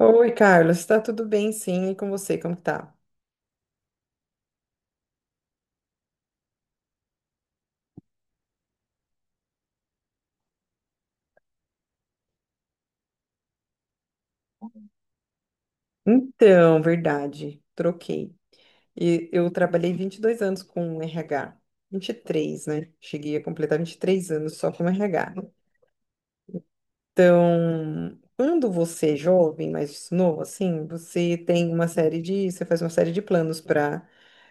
Oi, Carlos, tá tudo bem? Sim, e com você, como que tá? Então, verdade, troquei. E eu trabalhei 22 anos com RH, três, né? Cheguei a completar 23 anos só com RH. Então, quando você é jovem, mais novo, assim, você faz uma série de planos para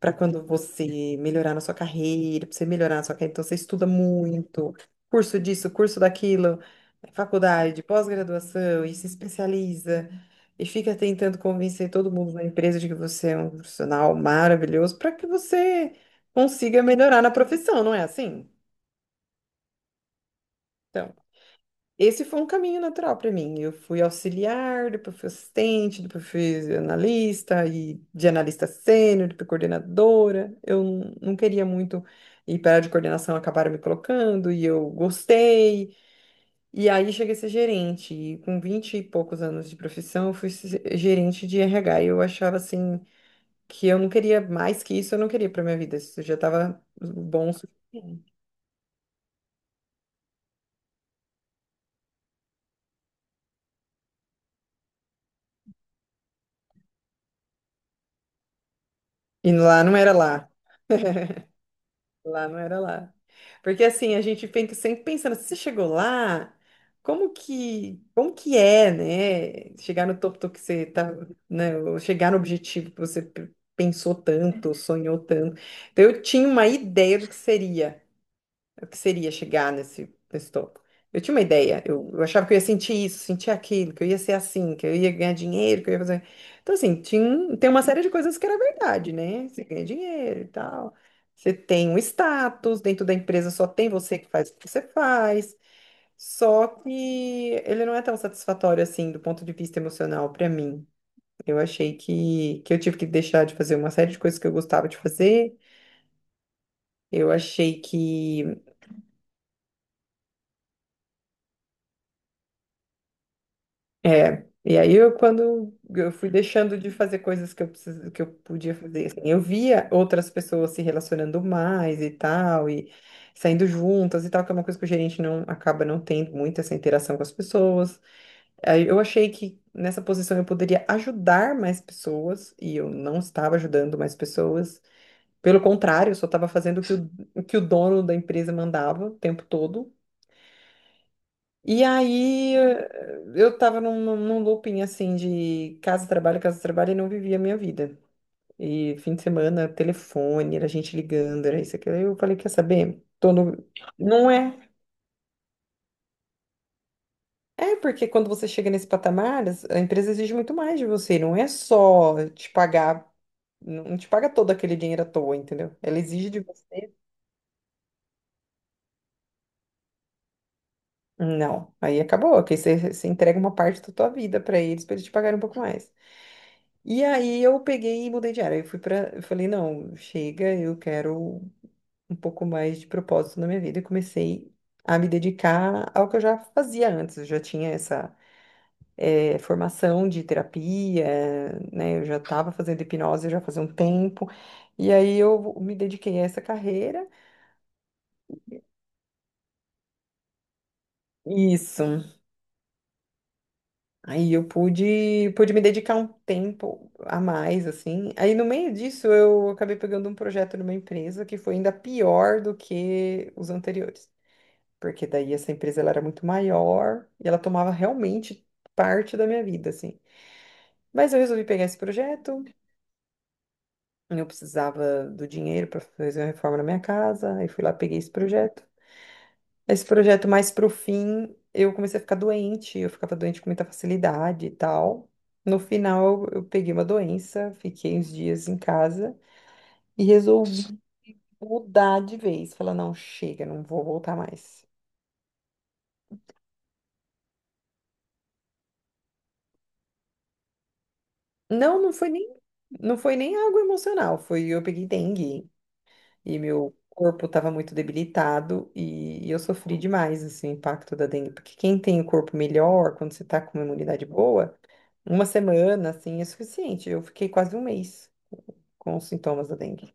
para quando você melhorar na sua carreira, para você melhorar na sua carreira, então você estuda muito, curso disso, curso daquilo, né, faculdade, pós-graduação, e se especializa, e fica tentando convencer todo mundo na empresa de que você é um profissional maravilhoso para que você consiga melhorar na profissão, não é assim? Então, esse foi um caminho natural para mim. Eu fui auxiliar, depois fui assistente, depois fui analista e de analista sênior, depois coordenadora. Não queria muito ir para a área de coordenação, acabaram me colocando e eu gostei. E aí cheguei a ser gerente. E com 20 e poucos anos de profissão, eu fui se- gerente de RH. E eu achava assim que eu não queria mais que isso, eu não queria para minha vida. Isso já estava bom o suficiente. E lá não era lá. Lá não era lá. Porque assim, a gente fica sempre pensando, se você chegou lá, como que é, né? Chegar no topo do que você tá, né? Ou chegar no objetivo que pensou tanto, sonhou tanto. Então eu tinha uma ideia do que seria o que seria chegar nesse topo. Eu tinha uma ideia, eu achava que eu ia sentir isso, sentir aquilo, que eu ia ser assim, que eu ia ganhar dinheiro, que eu ia fazer. Então, assim, tem uma série de coisas que era verdade, né? Você ganha dinheiro e tal. Você tem um status, dentro da empresa só tem você que faz o que você faz. Só que ele não é tão satisfatório assim do ponto de vista emocional para mim. Eu achei que eu tive que deixar de fazer uma série de coisas que eu gostava de fazer. Eu achei que. É, e aí eu quando eu fui deixando de fazer coisas que que eu podia fazer, assim, eu via outras pessoas se relacionando mais e tal, e saindo juntas e tal, que é uma coisa que o gerente não acaba não tendo muito essa interação com as pessoas. Aí eu achei que nessa posição eu poderia ajudar mais pessoas, e eu não estava ajudando mais pessoas. Pelo contrário, eu só estava fazendo o que o dono da empresa mandava o tempo todo. E aí eu tava num, num looping assim de casa, trabalho e não vivia a minha vida. E fim de semana, telefone, era gente ligando, era isso, aquilo. Aí eu falei, quer saber? Tô no... Não é. É porque quando você chega nesse patamar, a empresa exige muito mais de você. Não é só te pagar, não te paga todo aquele dinheiro à toa, entendeu? Ela exige de você. Não, aí acabou, que você entrega uma parte da tua vida pra eles te pagarem um pouco mais. E aí eu peguei e mudei de área. Eu falei, não, chega, eu quero um pouco mais de propósito na minha vida. E comecei a me dedicar ao que eu já fazia antes. Eu já tinha essa formação de terapia, né? Eu já estava fazendo hipnose já fazia um tempo. E aí eu me dediquei a essa carreira. Isso. Aí eu pude me dedicar um tempo a mais, assim. Aí no meio disso eu acabei pegando um projeto numa empresa que foi ainda pior do que os anteriores, porque daí essa empresa ela era muito maior e ela tomava realmente parte da minha vida, assim. Mas eu resolvi pegar esse projeto, eu precisava do dinheiro para fazer uma reforma na minha casa, aí fui lá, peguei esse projeto. Esse projeto mais pro fim, eu comecei a ficar doente, eu ficava doente com muita facilidade e tal. No final, eu peguei uma doença, fiquei uns dias em casa e resolvi mudar de vez. Falar, não, chega, não vou voltar mais. Não, não foi nem algo emocional, foi eu peguei dengue e meu corpo estava muito debilitado e eu sofri demais assim, o impacto da dengue, porque quem tem o corpo melhor, quando você está com uma imunidade boa, uma semana, assim, é suficiente. Eu fiquei quase um mês com os sintomas da dengue.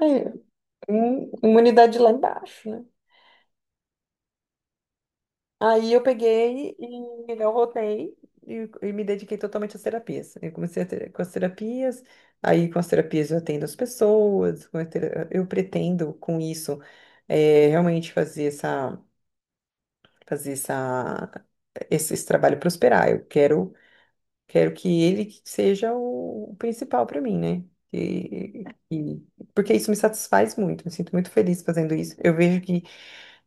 Aí, imunidade lá embaixo, né? Aí eu peguei e não voltei e me dediquei totalmente às terapias. Eu comecei a ter, com as terapias, eu atendo as pessoas, eu pretendo com isso realmente fazer essa, esse trabalho prosperar. Eu quero Quero que ele que seja o principal para mim, né? E, e- Porque isso me satisfaz muito, me sinto muito feliz fazendo isso. Eu vejo que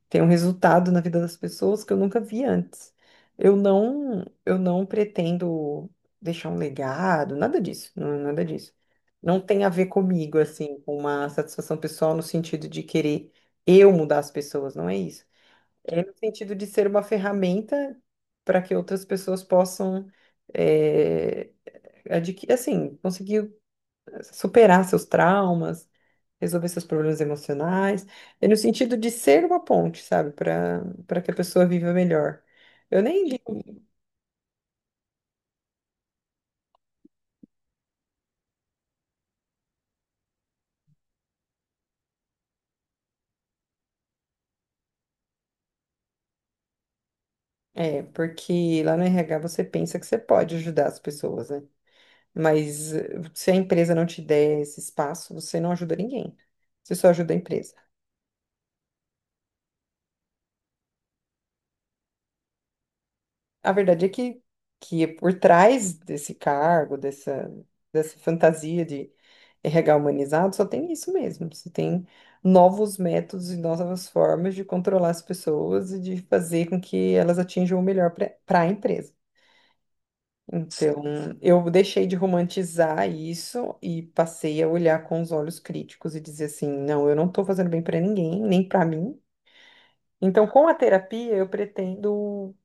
tem um resultado na vida das pessoas que eu nunca vi antes. Eu não pretendo deixar um legado, nada disso, não, nada disso. Não tem a ver comigo, assim, com uma satisfação pessoal no sentido de querer eu mudar as pessoas, não é isso. É no sentido de ser uma ferramenta para que outras pessoas possam é, adquirir, assim, conseguir superar seus traumas, resolver seus problemas emocionais. É no sentido de ser uma ponte, sabe, para que a pessoa viva melhor. Eu nem digo, é, porque lá no RH você pensa que você pode ajudar as pessoas, né? Mas se a empresa não te der esse espaço, você não ajuda ninguém. Você só ajuda a empresa. A verdade é que é por trás desse cargo, dessa fantasia de RH humanizado, só tem isso mesmo. Você tem novos métodos e novas formas de controlar as pessoas e de fazer com que elas atinjam o melhor para a empresa. Então, eu deixei de romantizar isso e passei a olhar com os olhos críticos e dizer assim: não, eu não estou fazendo bem para ninguém, nem para mim. Então, com a terapia, eu pretendo.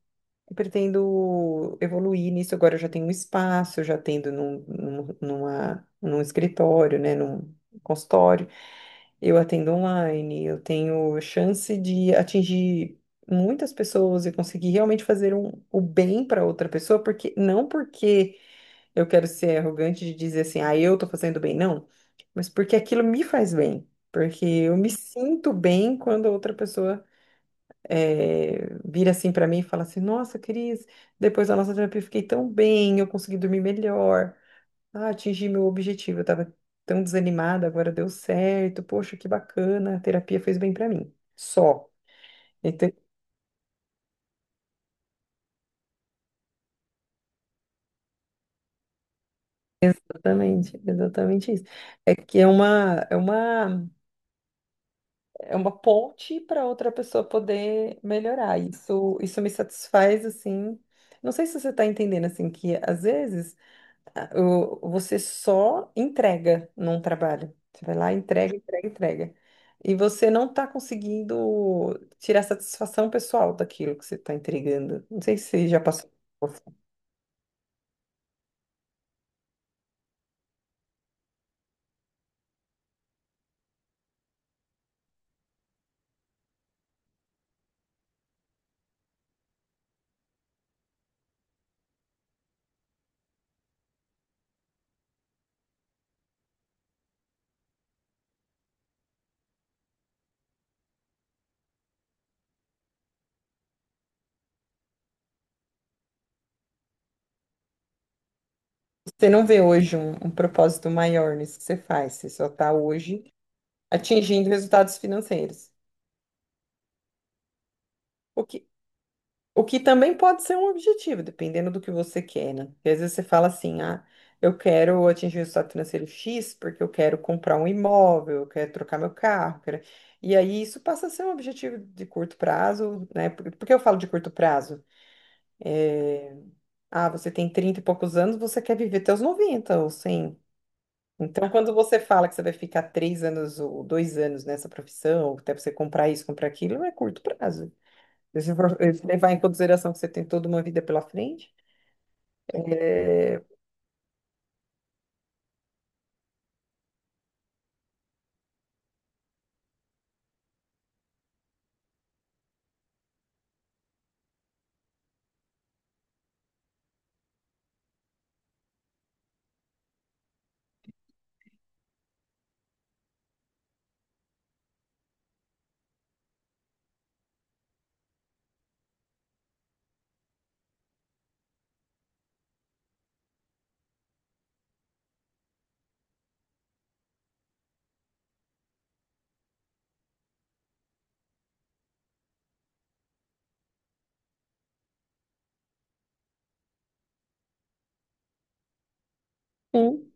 Eu pretendo evoluir nisso agora. Eu já tenho um espaço, já tendo num escritório, né, num consultório. Eu atendo online, eu tenho chance de atingir muitas pessoas e conseguir realmente fazer o bem para outra pessoa, porque não porque eu quero ser arrogante de dizer assim, ah, eu tô fazendo bem, não, mas porque aquilo me faz bem. Porque eu me sinto bem quando a outra pessoa vira assim para mim e fala assim: Nossa, Cris, depois da nossa terapia eu fiquei tão bem, eu consegui dormir melhor, ah, atingi meu objetivo, eu estava tão desanimada, agora deu certo, poxa, que bacana, a terapia fez bem para mim. Só. Então, exatamente, exatamente isso. É que é uma ponte para outra pessoa poder melhorar. Isso me satisfaz assim. Não sei se você está entendendo assim que às vezes você só entrega num trabalho. Você vai lá, entrega, entrega, entrega. E você não está conseguindo tirar satisfação pessoal daquilo que você está entregando. Não sei se você já passou por isso. Você não vê hoje um propósito maior nisso que você faz. Você só está hoje atingindo resultados financeiros. O que também pode ser um objetivo, dependendo do que você quer, né? Porque às vezes você fala assim, ah, eu quero atingir o estado financeiro X porque eu quero comprar um imóvel, eu quero trocar meu carro, quero... E aí isso passa a ser um objetivo de curto prazo, né? Por que eu falo de curto prazo? Ah, você tem 30 e poucos anos, você quer viver até os 90 ou 100. Então, quando você fala que você vai ficar 3 anos ou 2 anos nessa profissão, até você comprar isso, comprar aquilo, é curto prazo. Se você for levar em consideração que você tem toda uma vida pela frente, sim.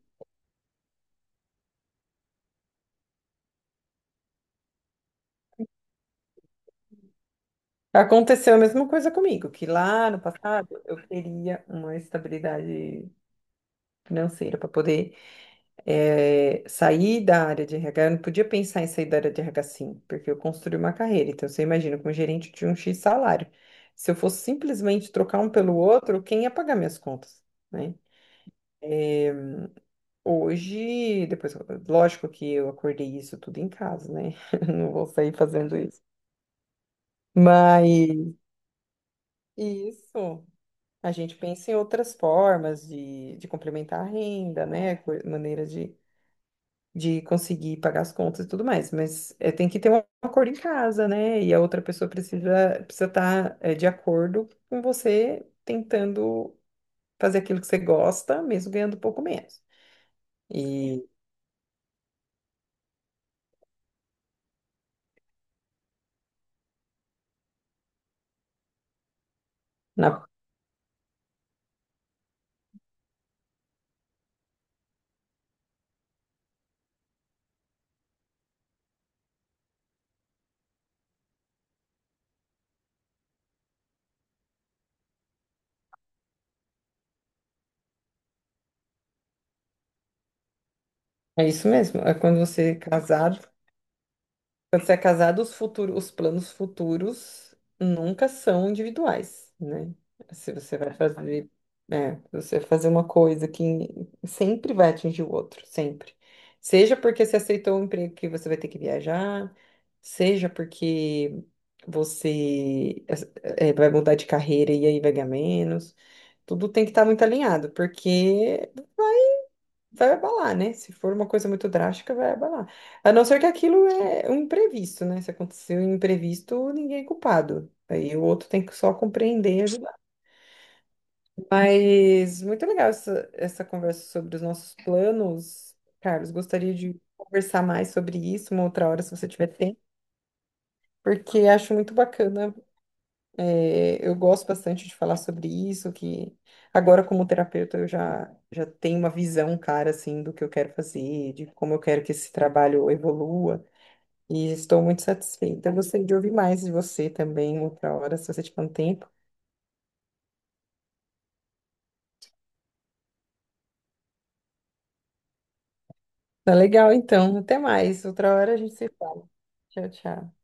Aconteceu a mesma coisa comigo, que lá no passado eu queria uma estabilidade financeira para poder sair da área de RH. Eu não podia pensar em sair da área de RH sim, porque eu construí uma carreira. Então você imagina, como gerente de um X salário. Se eu fosse simplesmente trocar um pelo outro, quem ia pagar minhas contas? Né? Eh, hoje, depois, lógico que eu acordei isso tudo em casa, né? Não vou sair fazendo isso. Mas isso. A gente pensa em outras formas de complementar a renda, né? Maneira de conseguir pagar as contas e tudo mais. Mas é, tem que ter um acordo em casa, né? E a outra pessoa precisa estar de acordo com você tentando fazer aquilo que você gosta, mesmo ganhando um pouco menos. E na- é isso mesmo. Quando você é casado, os futuros, os planos futuros nunca são individuais, né? Se você vai fazer, é, você vai fazer uma coisa que sempre vai atingir o outro, sempre. Seja porque você aceitou um emprego que você vai ter que viajar, seja porque você vai mudar de carreira e aí vai ganhar menos. Tudo tem que estar muito alinhado, porque vai abalar, né? Se for uma coisa muito drástica, vai abalar. A não ser que aquilo é um imprevisto, né? Se aconteceu um imprevisto, ninguém é culpado. Aí o outro tem que só compreender e ajudar. Mas muito legal essa conversa sobre os nossos planos. Carlos, gostaria de conversar mais sobre isso uma outra hora, se você tiver tempo. Porque acho muito bacana É, eu gosto bastante de falar sobre isso, que agora como terapeuta eu já tenho uma visão clara, assim, do que eu quero fazer, de como eu quero que esse trabalho evolua, e estou muito satisfeita. Eu gostaria de ouvir mais de você também, outra hora, se você tiver um tempo. Tá legal, então. Até mais. Outra hora a gente se fala. Tchau, tchau.